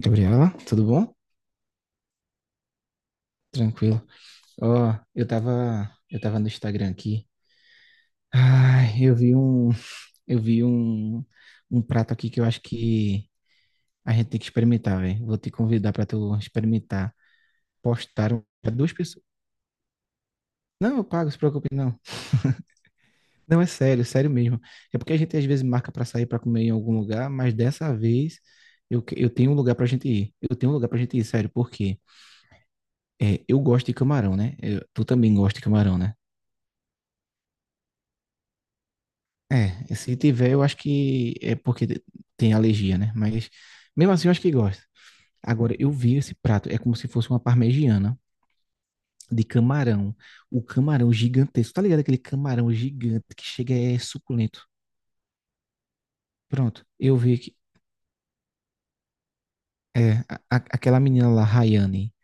Gabriela, tudo bom? Tranquilo. Ó, eu tava no Instagram aqui. Ai, eu vi um prato aqui que eu acho que a gente tem que experimentar, velho. Vou te convidar pra tu experimentar. Postaram pra duas pessoas. Não, eu pago, se preocupe, não. Não, é sério, sério mesmo. É porque a gente às vezes marca pra sair pra comer em algum lugar, mas dessa vez eu tenho um lugar pra gente ir. Eu tenho um lugar pra gente ir, sério, porque é, eu gosto de camarão, né? Tu também gosta de camarão, né? É, se tiver, eu acho que é tem alergia, né? Mas mesmo assim, eu acho que gosta. Agora, eu vi esse prato, é como se fosse uma parmegiana de camarão. O camarão gigantesco, tá ligado? Aquele camarão gigante que chega é suculento. Pronto, eu vi que é, aquela menina lá, Rayane,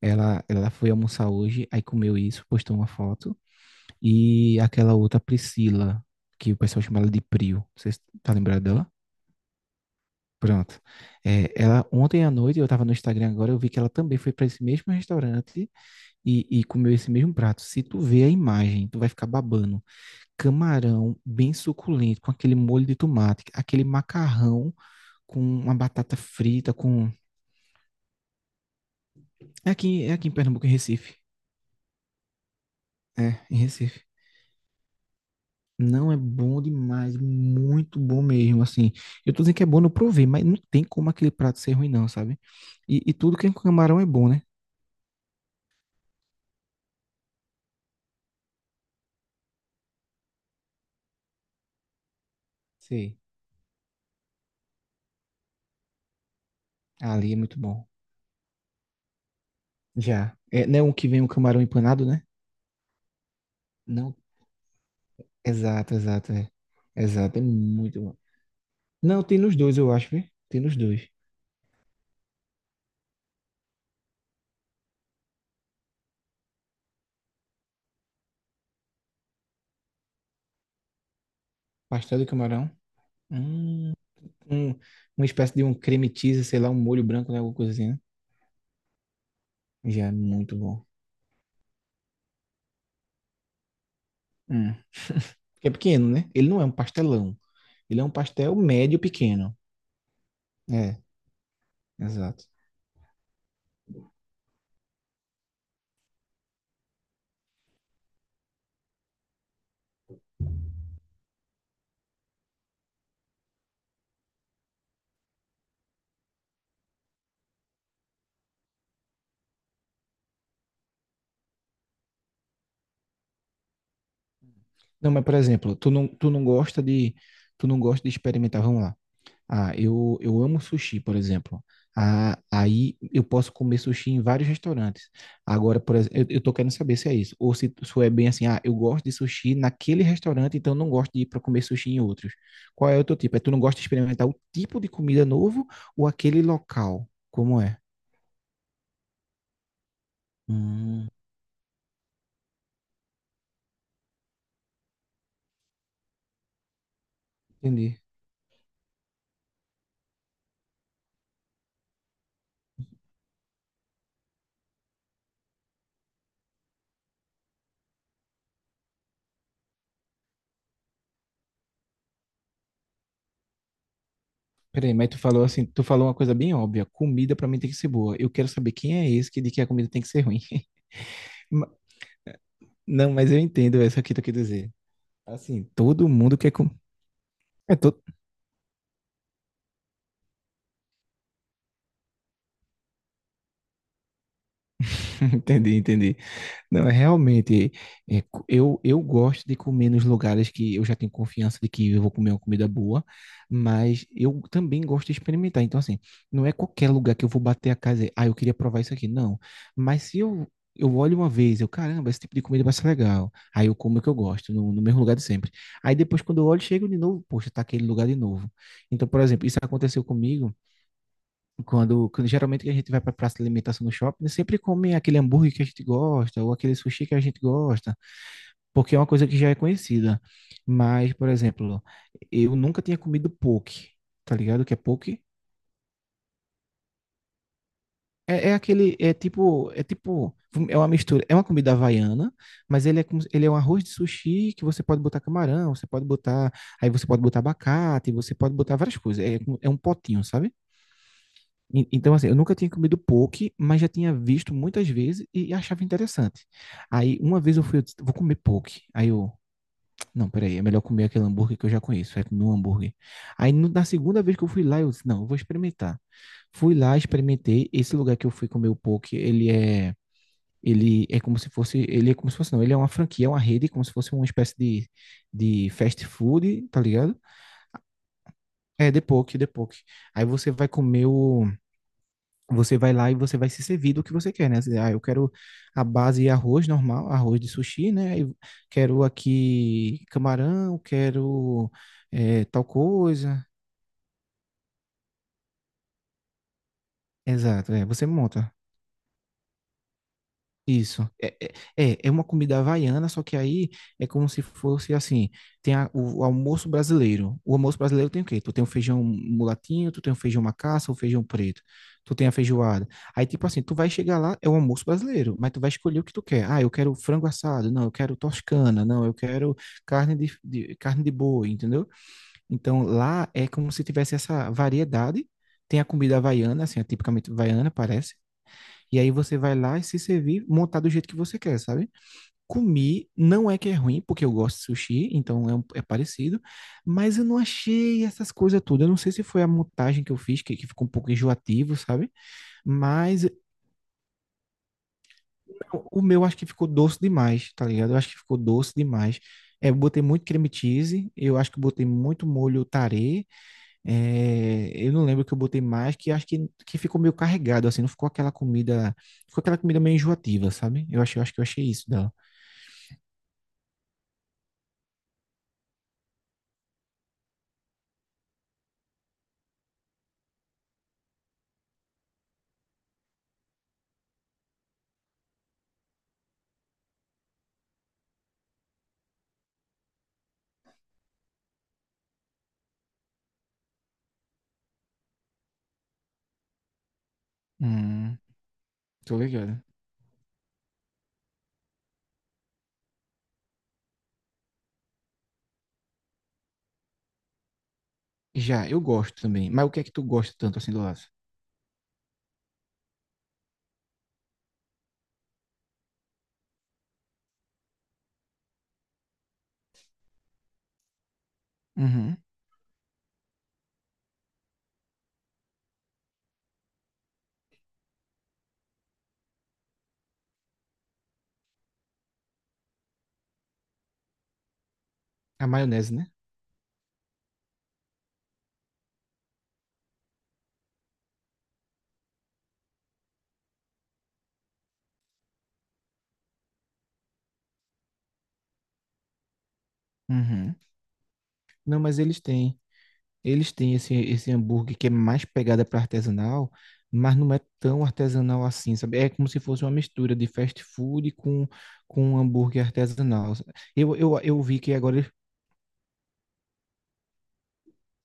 ela foi almoçar hoje, aí comeu isso, postou uma foto. E aquela outra Priscila, que o pessoal chama ela de Prio, vocês tá lembrado dela? Pronto. É, ela ontem à noite, eu estava no Instagram agora, eu vi que ela também foi para esse mesmo restaurante e comeu esse mesmo prato. Se tu vê a imagem, tu vai ficar babando. Camarão bem suculento, com aquele molho de tomate, aquele macarrão com uma batata frita, com... é aqui em Pernambuco, em Recife. É, em Recife. Não, é bom demais, muito bom mesmo, assim. Eu tô dizendo que é bom, não provei, mas não tem como aquele prato ser ruim não, sabe? E tudo que é com camarão é bom, né? Sei. Ali é muito bom. Já. É, não é um que vem um camarão empanado, né? Não. Exato, exato, é. Exato, é muito bom. Não, tem nos dois, eu acho, viu? Tem nos dois. Pastel de camarão. Hum, um- uma espécie de um creme cheese, sei lá, um molho branco, né? Alguma coisa assim, né? Já, é muito bom. Hum. Porque é pequeno, né? Ele não é um pastelão. Ele é um pastel médio pequeno. É, exato. Não, mas por exemplo, tu não gosta de, tu não gosta de experimentar, vamos lá. Ah, eu amo sushi, por exemplo. Ah, aí eu posso comer sushi em vários restaurantes. Agora, por exemplo, eu tô querendo saber se é isso. Ou se é bem assim, ah, eu gosto de sushi naquele restaurante, então não gosto de ir para comer sushi em outros. Qual é o teu tipo? É tu não gosta de experimentar o tipo de comida novo ou aquele local? Como é? Hum, entendi. Peraí, mas tu falou assim, tu falou uma coisa bem óbvia. Comida pra mim tem que ser boa. Eu quero saber quem é esse que diz que a comida tem que ser ruim. Ma- Não, mas eu entendo essa que tu quer dizer. Assim, todo mundo quer comer. É todo... Entendi, entendi. Não, é realmente. É, eu gosto de comer nos lugares que eu já tenho confiança de que eu vou comer uma comida boa, mas eu também gosto de experimentar. Então, assim, não é qualquer lugar que eu vou bater a casa e dizer, ah, eu queria provar isso aqui. Não. Mas se eu, Eu olho uma vez, eu, caramba, esse tipo de comida vai ser legal. Aí eu como o que eu gosto, no mesmo lugar de sempre. Aí depois, quando eu olho, chego de novo, poxa, tá aquele lugar de novo. Então, por exemplo, isso aconteceu comigo. Quando geralmente a gente vai para praça de alimentação no shopping, né, sempre come aquele hambúrguer que a gente gosta, ou aquele sushi que a gente gosta, porque é uma coisa que já é conhecida. Mas, por exemplo, eu nunca tinha comido poke, tá ligado? O que é poke? É, é aquele, é tipo, é tipo, é uma mistura, é uma comida havaiana, mas ele é, como se- ele é um arroz de sushi que você pode botar camarão, você pode botar, aí você pode botar abacate, você pode botar várias coisas. É, é um potinho, sabe? Então, assim, eu nunca tinha comido poke, mas já tinha visto muitas vezes e achava interessante. Aí, uma vez eu fui, eu disse, vou comer poke. Aí eu, não, peraí, é melhor comer aquele hambúrguer que eu já conheço, aí comi um hambúrguer. Aí, na segunda vez que eu fui lá, eu disse, não, eu vou experimentar. Fui lá, experimentei. Esse lugar que eu fui comer o poke, ele é como se fosse, ele é como se fosse, não, ele é uma franquia, é uma rede, como se fosse uma espécie de fast food, tá ligado? É, de poke, de poke. Aí você vai comer o... Você vai lá e você vai se servir do que você quer, né? Ah, eu quero a base e arroz normal, arroz de sushi, né? Eu quero aqui camarão, quero eh, tal coisa. Exato, é, você monta. Isso. É, é, é uma comida havaiana, só que aí é como se fosse assim: tem o almoço brasileiro. O almoço brasileiro tem o quê? Tu tem o feijão mulatinho, tu tem o feijão macaça, o feijão preto, tu tem a feijoada. Aí, tipo assim, tu vai chegar lá, é o almoço brasileiro, mas tu vai escolher o que tu quer. Ah, eu quero frango assado, não, eu quero toscana, não, eu quero carne carne de boi, entendeu? Então lá é como se tivesse essa variedade. Tem a comida havaiana, assim, é tipicamente havaiana, parece. E aí você vai lá e se servir, montar do jeito que você quer, sabe? Comi, não é que é ruim, porque eu gosto de sushi, então é, é parecido, mas eu não achei essas coisas todas. Eu não sei se foi a montagem que eu fiz, que ficou um pouco enjoativo, sabe? Mas o meu acho que ficou doce demais, tá ligado? Eu acho que ficou doce demais. É, eu botei muito creme cheese, eu acho que botei muito molho tarê. É, eu não lembro que eu botei mais, que acho que ficou meio carregado, assim, não ficou aquela comida, ficou aquela comida meio enjoativa, sabe? Eu achei, eu acho que eu achei isso dela. Hum, tô ligado. Já, eu gosto também. Mas o que é que tu gosta tanto assim do laço? Uhum. A maionese, né? Uhum. Não, mas eles têm. Eles têm esse hambúrguer que é mais pegada para artesanal, mas não é tão artesanal assim, sabe? É como se fosse uma mistura de fast food com um hambúrguer artesanal. Eu vi que agora...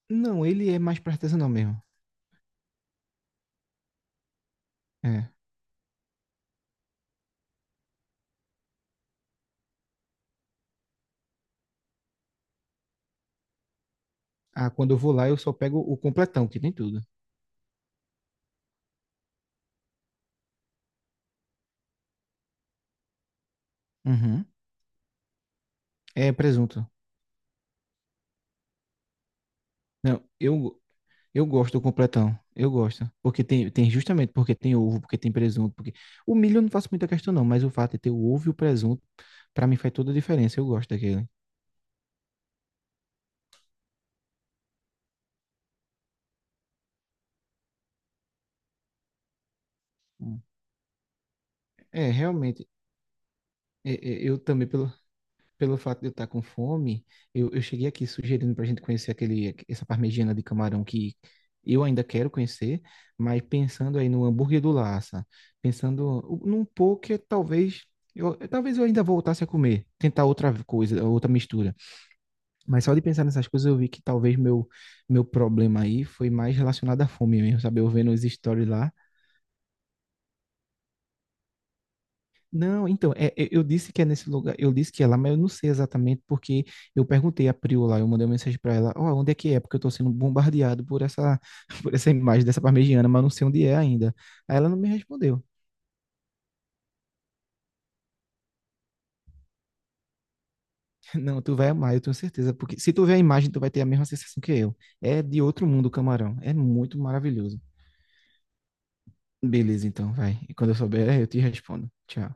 Não, ele é mais pra artesanal mesmo. É. Ah, quando eu vou lá, eu só pego o completão, que tem tudo. Uhum. É presunto. Não, eu gosto do completão. Eu gosto. Porque tem, tem justamente porque tem ovo, porque tem presunto, porque... O milho eu não faço muita questão, não, mas o fato de ter o ovo e o presunto, pra mim faz toda a diferença. Eu gosto daquele. Hum. É, realmente. É, eu também, pelo, pelo fato de eu estar com fome, eu cheguei aqui sugerindo para a gente conhecer aquele, essa parmegiana de camarão que eu ainda quero conhecer, mas pensando aí no hambúrguer do Lassa, pensando num poke, talvez eu ainda voltasse a comer, tentar outra coisa, outra mistura. Mas só de pensar nessas coisas eu vi que meu problema aí foi mais relacionado à fome mesmo, sabe? Eu vendo os stories lá... Não, então, eu disse que é nesse lugar, eu disse que é lá, mas eu não sei exatamente porque eu perguntei a Priu lá, eu mandei uma mensagem para ela, ó, onde é que é? Porque eu tô sendo bombardeado por essa, por essa imagem dessa parmegiana, mas eu não sei onde é ainda. Aí ela não me respondeu. Não, tu vai amar, eu tenho certeza, porque se tu ver a imagem, tu vai ter a mesma sensação que eu. É de outro mundo o camarão, é muito maravilhoso. Beleza, então, vai. E quando eu souber, eu te respondo. Tchau.